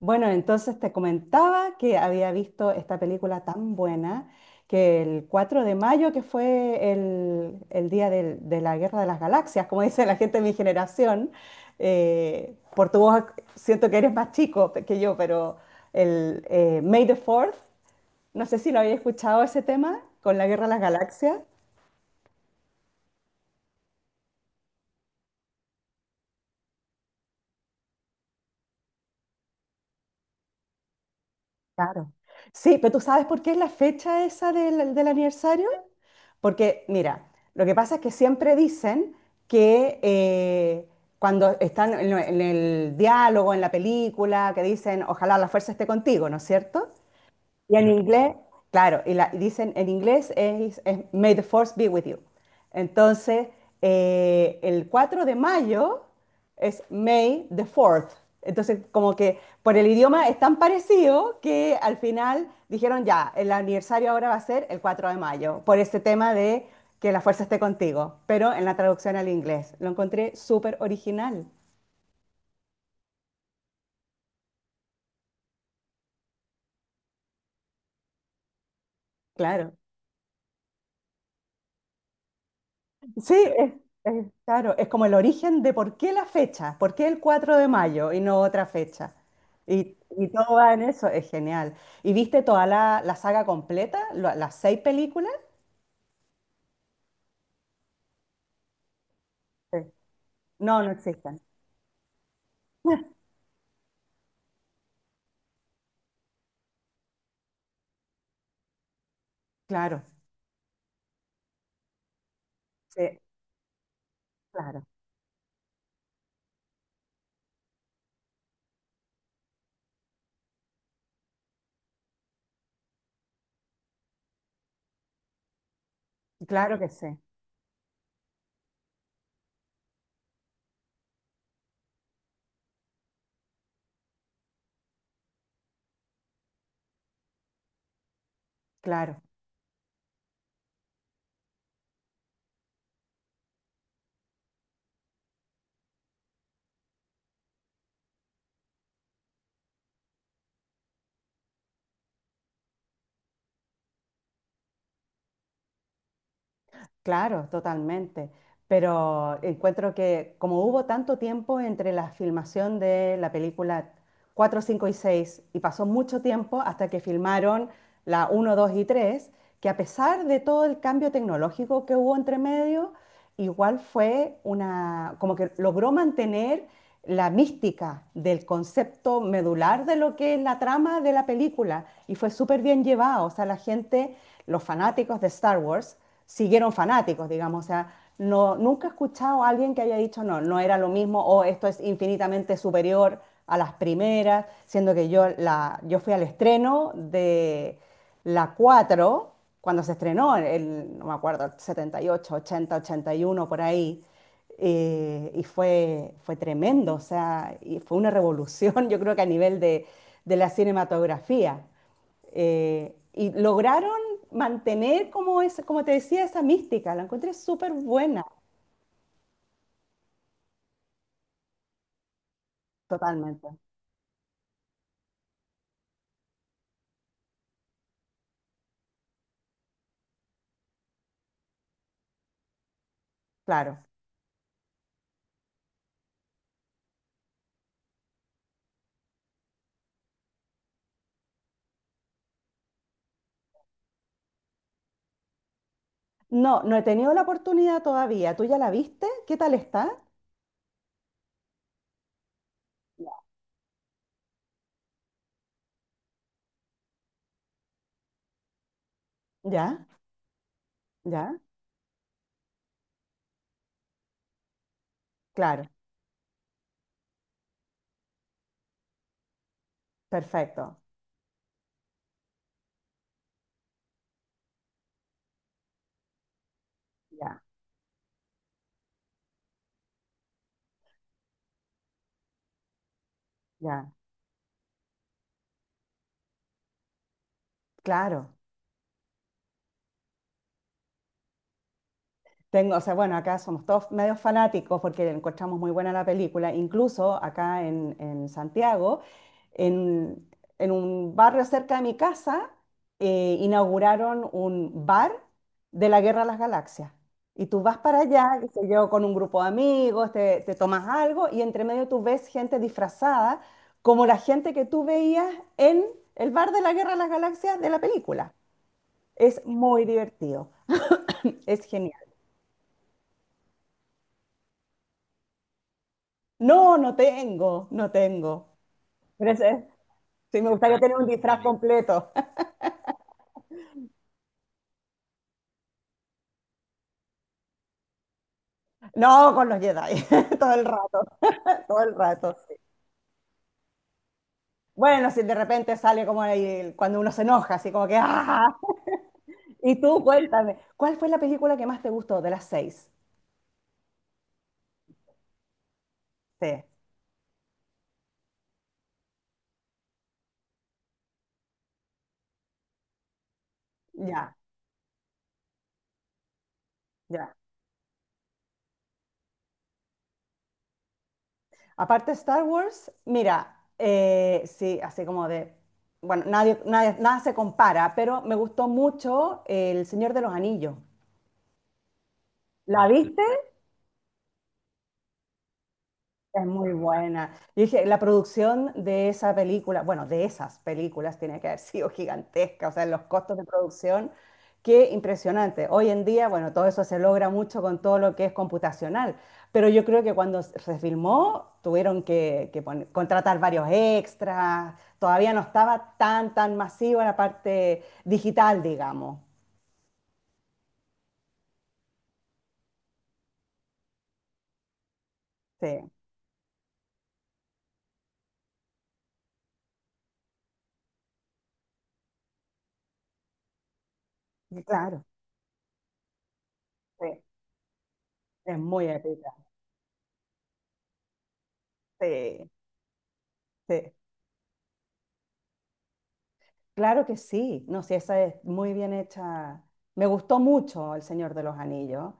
Bueno, entonces te comentaba que había visto esta película tan buena que el 4 de mayo, que fue el día de la Guerra de las Galaxias, como dice la gente de mi generación. Por tu voz siento que eres más que yo. Pero el May the Fourth, no sé si lo había escuchado ese tema con la Guerra de las Galaxias. Claro. Sí, pero ¿tú sabes por qué es la fecha esa del aniversario? Porque, mira, lo que pasa es que siempre dicen que cuando están en el diálogo, en la película, que dicen, ojalá la fuerza esté contigo, ¿no es cierto? Y en inglés, claro, y dicen en inglés es May the Force be with you. Entonces, el 4 de mayo es May the Fourth. Entonces, como que por el idioma es tan parecido que al final dijeron ya, el aniversario ahora va a ser el 4 de mayo, por este tema de que la fuerza esté contigo, pero en la traducción al inglés. Lo encontré súper original, claro. Sí, claro, es como el origen de por qué la fecha, por qué el 4 de mayo y no otra fecha. Y todo va en eso, es genial. ¿Y viste toda la saga completa, las seis películas? Sí. No, no existen. Claro, sí, claro, claro que sí, claro. Claro, totalmente. Pero encuentro que como hubo tanto tiempo entre la filmación de la película 4, 5 y 6 y pasó mucho tiempo hasta que filmaron la uno, 2 y 3, que a pesar de todo el cambio tecnológico que hubo entre medio, igual fue una, como que logró mantener la mística del concepto medular de lo que es la trama de la película y fue súper bien llevado. O sea, la gente, los fanáticos de Star Wars siguieron fanáticos, digamos. O sea, no, nunca he escuchado a alguien que haya dicho no, no era lo mismo o esto es infinitamente superior a las primeras, siendo que yo, la, yo fui al estreno de la 4 cuando se estrenó, el, no me acuerdo, 78, 80, 81, por ahí, y fue tremendo, o sea, y fue una revolución, yo creo que a nivel de la cinematografía. Y lograron mantener, como, es, como te decía, esa mística. La encontré súper buena. Totalmente. Claro. No, no he tenido la oportunidad todavía. ¿Tú ya la viste? ¿Qué tal está? Ya, ya, claro. Perfecto. Ya, ya. Claro. Tengo, o sea, bueno, acá somos todos medios fanáticos porque encontramos muy buena la película. Incluso acá en Santiago, en, en un barrio cerca de mi casa, inauguraron un bar de la Guerra de las Galaxias. Y tú vas para allá, qué sé yo, con un grupo de amigos, te tomas algo y entre medio tú ves gente disfrazada como la gente que tú veías en el bar de la Guerra de las Galaxias de la película. Es muy divertido, es genial. No, no tengo, no tengo. Pero ese- sí, me gustaría tener un disfraz completo. No, con los Jedi, todo el rato, todo el rato. Sí. Bueno, si de repente sale como ahí, cuando uno se enoja, así como que ¡ah! Ja, ja". Y tú, cuéntame, ¿cuál fue la película que más te gustó de las seis? Sí, ya, ya. Aparte de Star Wars, mira, sí, así como de, bueno, nada se compara, pero me gustó mucho El Señor de los Anillos. ¿La viste? Es muy buena. Yo dije, la producción de esa película, bueno, de esas películas tiene que haber sido gigantesca, o sea, los costos de producción, qué impresionante. Hoy en día, bueno, todo eso se logra mucho con todo lo que es computacional, pero yo creo que cuando se filmó tuvieron contratar varios extras, todavía no estaba tan, tan masiva la parte digital, digamos. Sí, claro, sí, es muy épica. Sí, sí. Claro que sí, no, sí, esa es muy bien hecha. Me gustó mucho El Señor de los Anillos.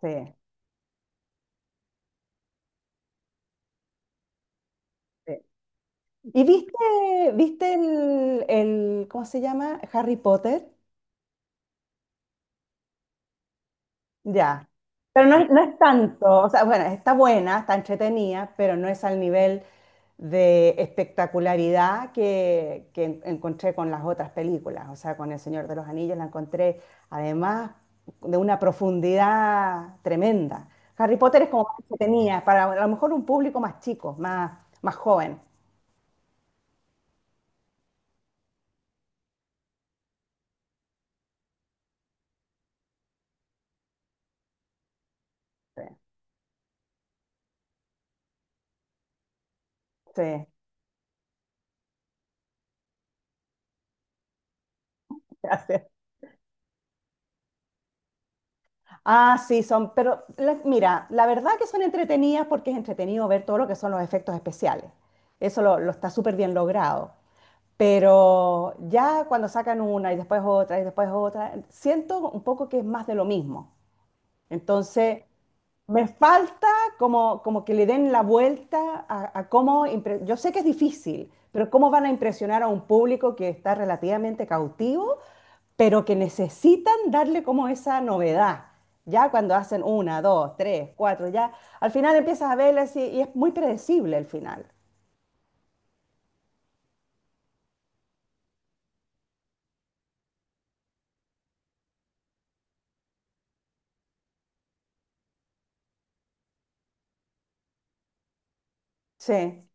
Sí, sí. ¿Y viste, viste ¿cómo se llama? Harry Potter. Ya. Pero no, no es tanto, o sea, bueno, está buena, está entretenida, pero no es al nivel de espectacularidad encontré con las otras películas. O sea, con El Señor de los Anillos la encontré, además, de una profundidad tremenda. Harry Potter es como más entretenida, para a lo mejor un público más chico, más, más joven. Sí, sí, gracias. Ah, sí, son, mira, la verdad que son entretenidas porque es entretenido ver todo lo que son los efectos especiales. Eso lo está súper bien logrado. Pero ya cuando sacan una y después otra, siento un poco que es más de lo mismo. Entonces, me falta como, como que le den la vuelta a cómo, yo sé que es difícil, pero cómo van a impresionar a un público que está relativamente cautivo, pero que necesitan darle como esa novedad. Ya cuando hacen una, dos, tres, cuatro, ya al final empiezas a verlas y es muy predecible el final. Sí,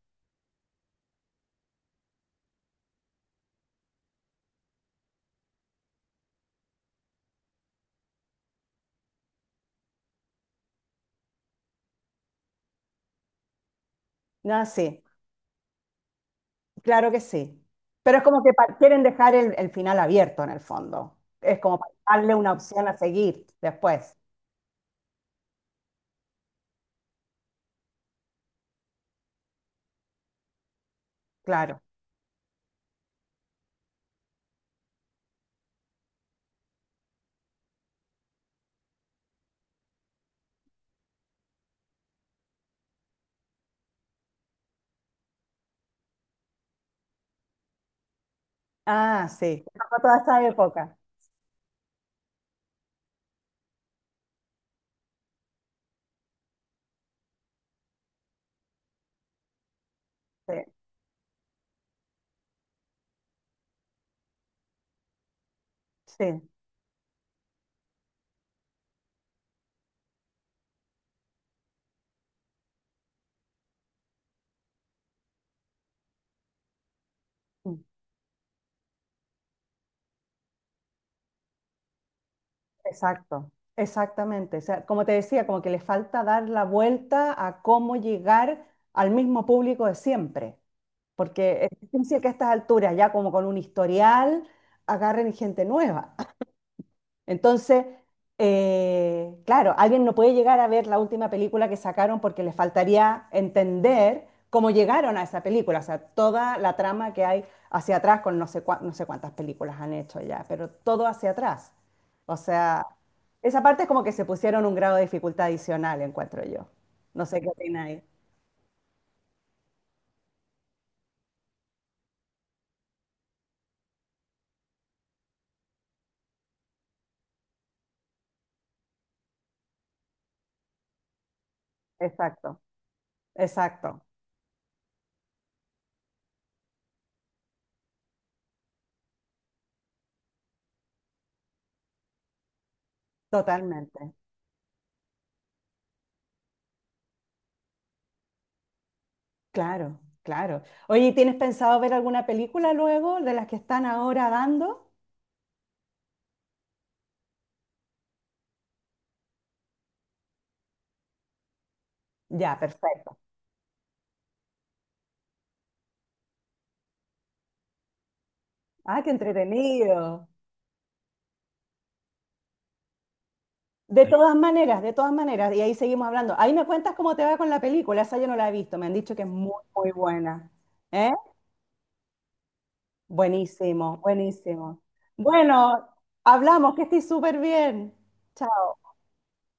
no, sí, claro que sí. Pero es como que quieren dejar el final abierto en el fondo. Es como para darle una opción a seguir después. Claro. Ah, sí, tocó toda esa época. Sí, sí, mm, exacto, exactamente. O sea, como te decía, como que le falta dar la vuelta a cómo llegar al mismo público de siempre, porque es difícil que a estas alturas, ya como con un historial, agarren gente nueva. Entonces, claro, alguien no puede llegar a ver la última película que sacaron porque le faltaría entender cómo llegaron a esa película, o sea, toda la trama que hay hacia atrás con no sé, no sé cuántas películas han hecho ya, pero todo hacia atrás. O sea, esa parte es como que se pusieron un grado de dificultad adicional, encuentro yo. No sé qué opináis. Exacto, exacto, totalmente. Claro, claro. Oye, ¿tienes pensado ver alguna película luego de las que están ahora dando? Ya, perfecto. Ah, qué entretenido. De ahí. Todas maneras, de todas maneras, y ahí seguimos hablando. Ahí me cuentas cómo te va con la película, esa yo no la he visto, me han dicho que es muy, muy buena. ¿Eh? Buenísimo, buenísimo. Bueno, hablamos, que estoy súper bien. Chao.